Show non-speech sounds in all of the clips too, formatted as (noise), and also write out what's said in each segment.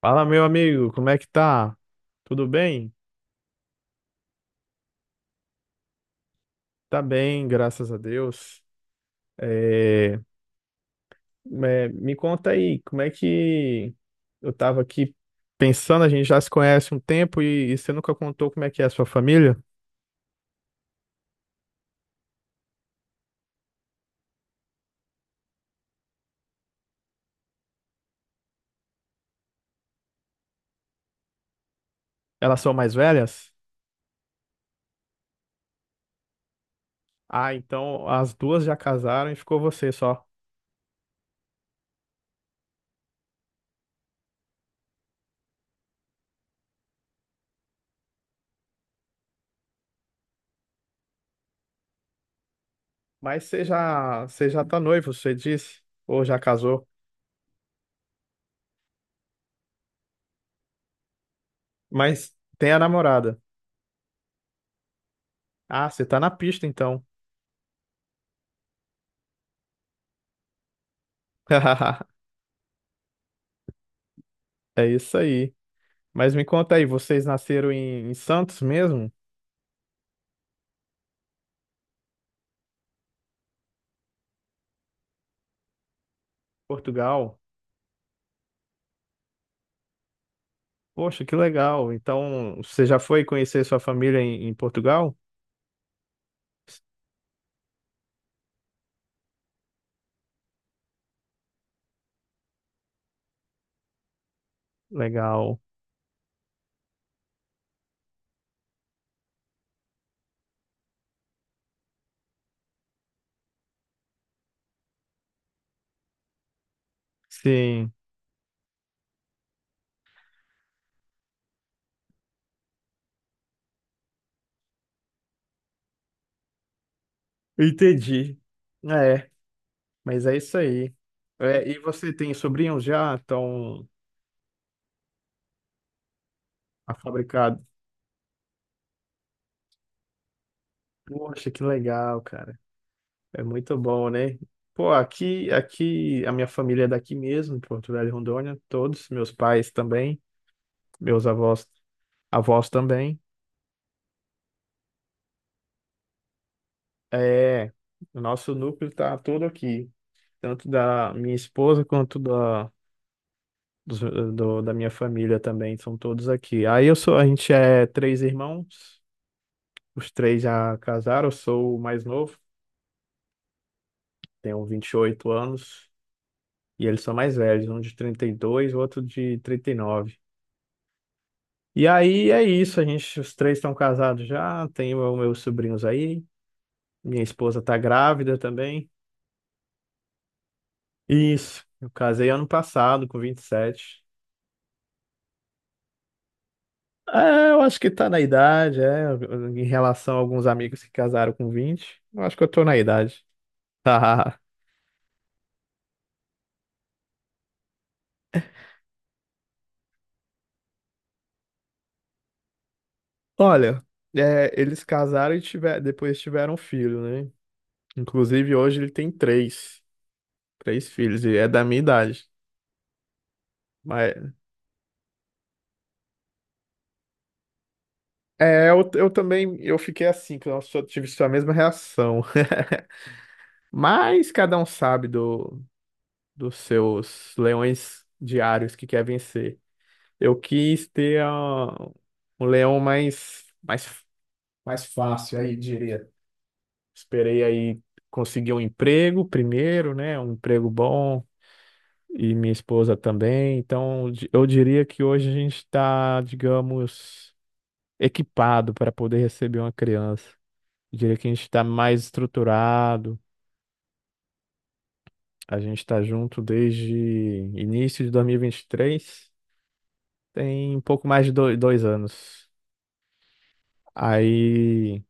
Fala, meu amigo, como é que tá? Tudo bem? Tá bem, graças a Deus. É, me conta aí, como é que eu tava aqui pensando, a gente já se conhece um tempo e você nunca contou como é que é a sua família? Elas são mais velhas? Ah, então as duas já casaram e ficou você só. Você já tá noivo, você disse? Ou já casou? Mas tem a namorada. Ah, você tá na pista então. (laughs) É isso aí. Mas me conta aí, vocês nasceram em Santos mesmo? Portugal? Poxa, que legal. Então, você já foi conhecer sua família em Portugal? Legal. Sim, entendi. É, mas é isso aí. É, e você tem sobrinhos já? Estão fabricados? Poxa, que legal, cara. É muito bom, né? Pô, aqui, a minha família é daqui mesmo, de Porto Velho e Rondônia, todos, meus pais também, meus avós, avós também. É, o nosso núcleo tá todo aqui, tanto da minha esposa quanto da, da minha família também, são todos aqui. Aí eu sou, a gente é três irmãos, os três já casaram, eu sou o mais novo, tenho 28 anos, e eles são mais velhos, um de 32, o outro de 39. E aí é isso, a gente, os três estão casados já, tenho meus sobrinhos aí, minha esposa tá grávida também. Isso, eu casei ano passado, com 27. É, eu acho que tá na idade, é. Em relação a alguns amigos que casaram com 20, eu acho que eu tô na idade. (laughs) Olha, é, eles casaram e depois tiveram um filho, né? Inclusive, hoje ele tem três. Três filhos, e é da minha idade. Mas é, eu também eu fiquei assim, que eu só tive a mesma reação. (laughs) Mas cada um sabe dos seus leões diários que quer vencer. Eu quis ter ah, um leão mais mais fácil aí, diria. Esperei aí conseguir um emprego primeiro, né? Um emprego bom e minha esposa também. Então, eu diria que hoje a gente está, digamos, equipado para poder receber uma criança. Eu diria que a gente está mais estruturado, a gente está junto desde início de dois mil e vinte e três, tem um pouco mais de 2 anos. Aí,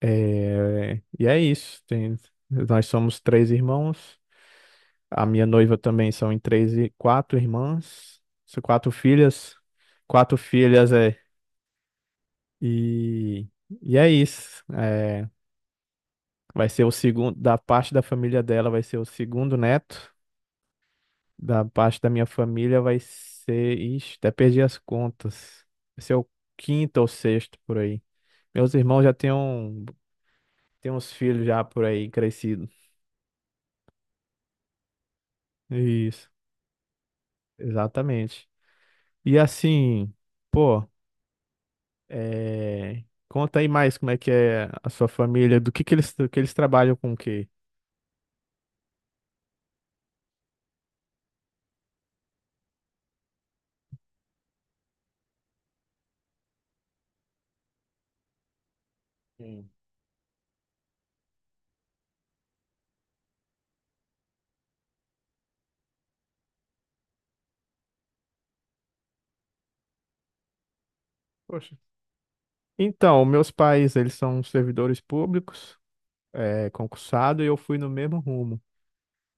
é... e é isso. Tem... Nós somos três irmãos. A minha noiva também são em três e quatro irmãs, são quatro filhas é. E, e é isso. É, vai ser o segundo da parte da família dela, vai ser o segundo neto, da parte da minha família vai ser, ixi, até perdi as contas. Vai ser o quinto ou sexto por aí. Meus irmãos já têm uns filhos já por aí crescidos. Isso, exatamente. E assim, pô, é, conta aí mais como é que é a sua família, do do que eles trabalham com o quê? Sim. Poxa. Então, meus pais, eles são servidores públicos, é, concursado, e eu fui no mesmo rumo.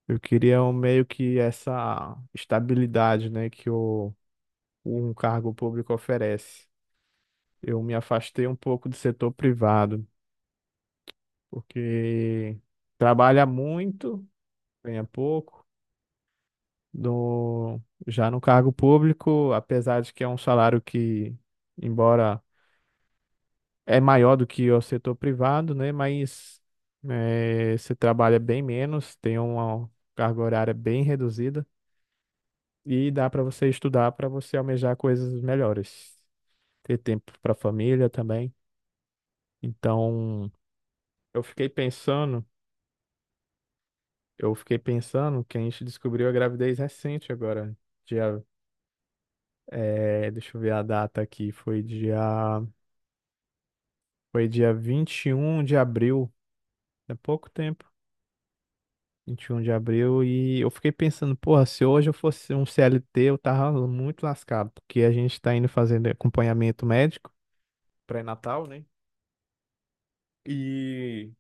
Eu queria meio que essa estabilidade, né, um cargo público oferece. Eu me afastei um pouco do setor privado, porque trabalha muito, ganha pouco, do já no cargo público, apesar de que é um salário que, embora é maior do que o setor privado, né, mas você trabalha bem menos, tem uma carga horária bem reduzida e dá para você estudar, para você almejar coisas melhores, ter tempo para a família também. Então, eu fiquei pensando, eu fiquei pensando que a gente descobriu a gravidez recente agora, dia, deixa eu ver a data aqui, foi dia 21 de abril, é pouco tempo. 21 de abril, e eu fiquei pensando, porra, se hoje eu fosse um CLT, eu tava muito lascado, porque a gente tá indo fazendo acompanhamento médico pré-natal, né? E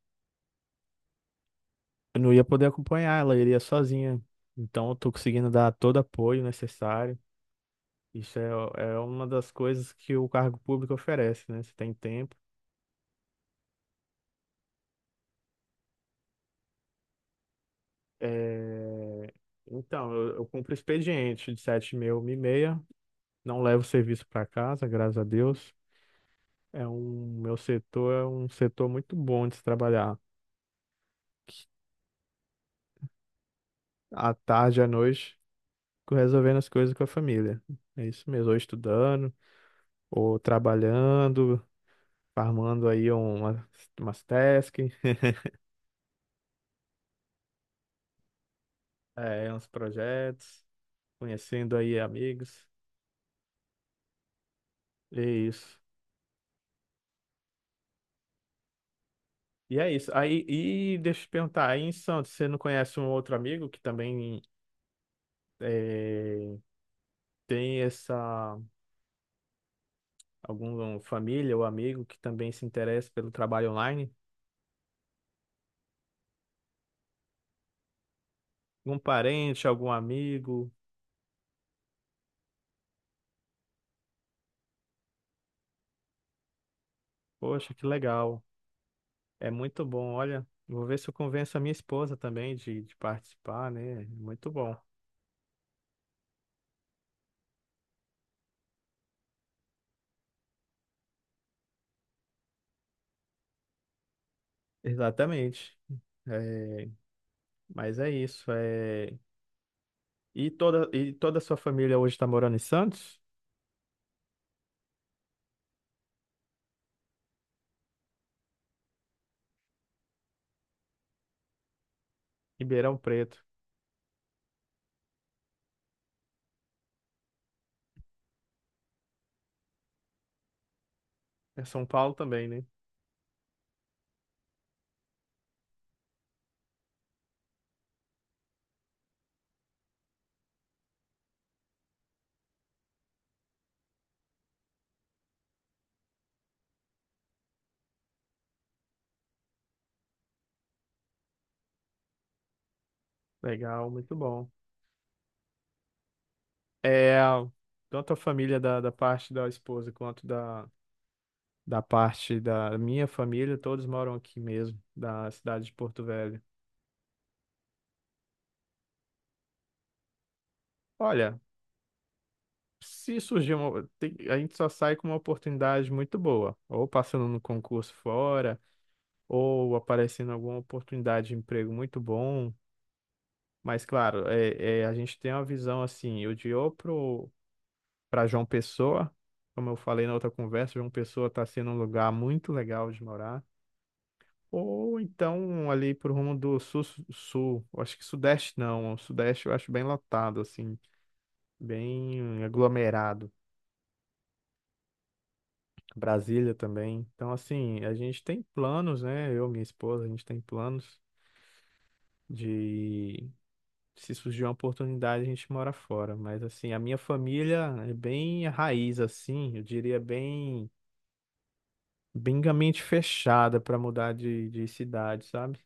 eu não ia poder acompanhar, ela iria sozinha. Então eu tô conseguindo dar todo apoio necessário. Isso é, é uma das coisas que o cargo público oferece, né? Você tem tempo. É, então, eu cumpro expediente de 7h30, não levo serviço para casa, graças a Deus. É um, meu setor é um setor muito bom de se trabalhar. À tarde, à noite, resolvendo as coisas com a família. É isso mesmo, ou estudando, ou trabalhando, farmando aí umas tasks, (laughs) é, uns projetos, conhecendo aí amigos. É isso. E é isso. Aí, e deixa eu te perguntar, aí em Santos, você não conhece um outro amigo que também eh, tem essa. Alguma família ou amigo que também se interessa pelo trabalho online? Algum parente, algum amigo? Poxa, que legal. É muito bom. Olha, vou ver se eu convenço a minha esposa também de participar, né? Muito bom. Exatamente. É, mas é isso. É... E toda a sua família hoje está morando em Santos? Ribeirão Preto. É São Paulo também, né? Legal, muito bom. É, tanto a família da parte da esposa quanto da, da parte da minha família, todos moram aqui mesmo, da cidade de Porto Velho. Olha, se surgir a gente só sai com uma oportunidade muito boa, ou passando no concurso fora, ou aparecendo alguma oportunidade de emprego muito bom. Mas claro, a gente tem uma visão assim, eu de ou pro para João Pessoa, como eu falei na outra conversa, João Pessoa está sendo um lugar muito legal de morar. Ou então ali pro rumo do sul, eu acho que sudeste não, o sudeste eu acho bem lotado, assim, bem aglomerado. Brasília também. Então, assim, a gente tem planos, né? Eu, minha esposa, a gente tem planos de, se surgir uma oportunidade, a gente mora fora. Mas, assim, a minha família é bem raiz, assim, eu diria bem, bem mente fechada para mudar de cidade, sabe?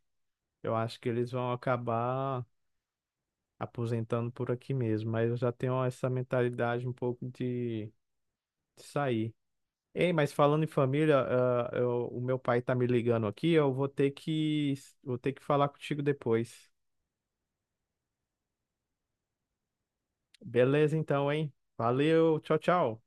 Eu acho que eles vão acabar aposentando por aqui mesmo, mas eu já tenho essa mentalidade um pouco de sair. Ei, mas falando em família, ah, o meu pai tá me ligando aqui, eu vou ter que falar contigo depois. Beleza, então, hein? Valeu, tchau, tchau.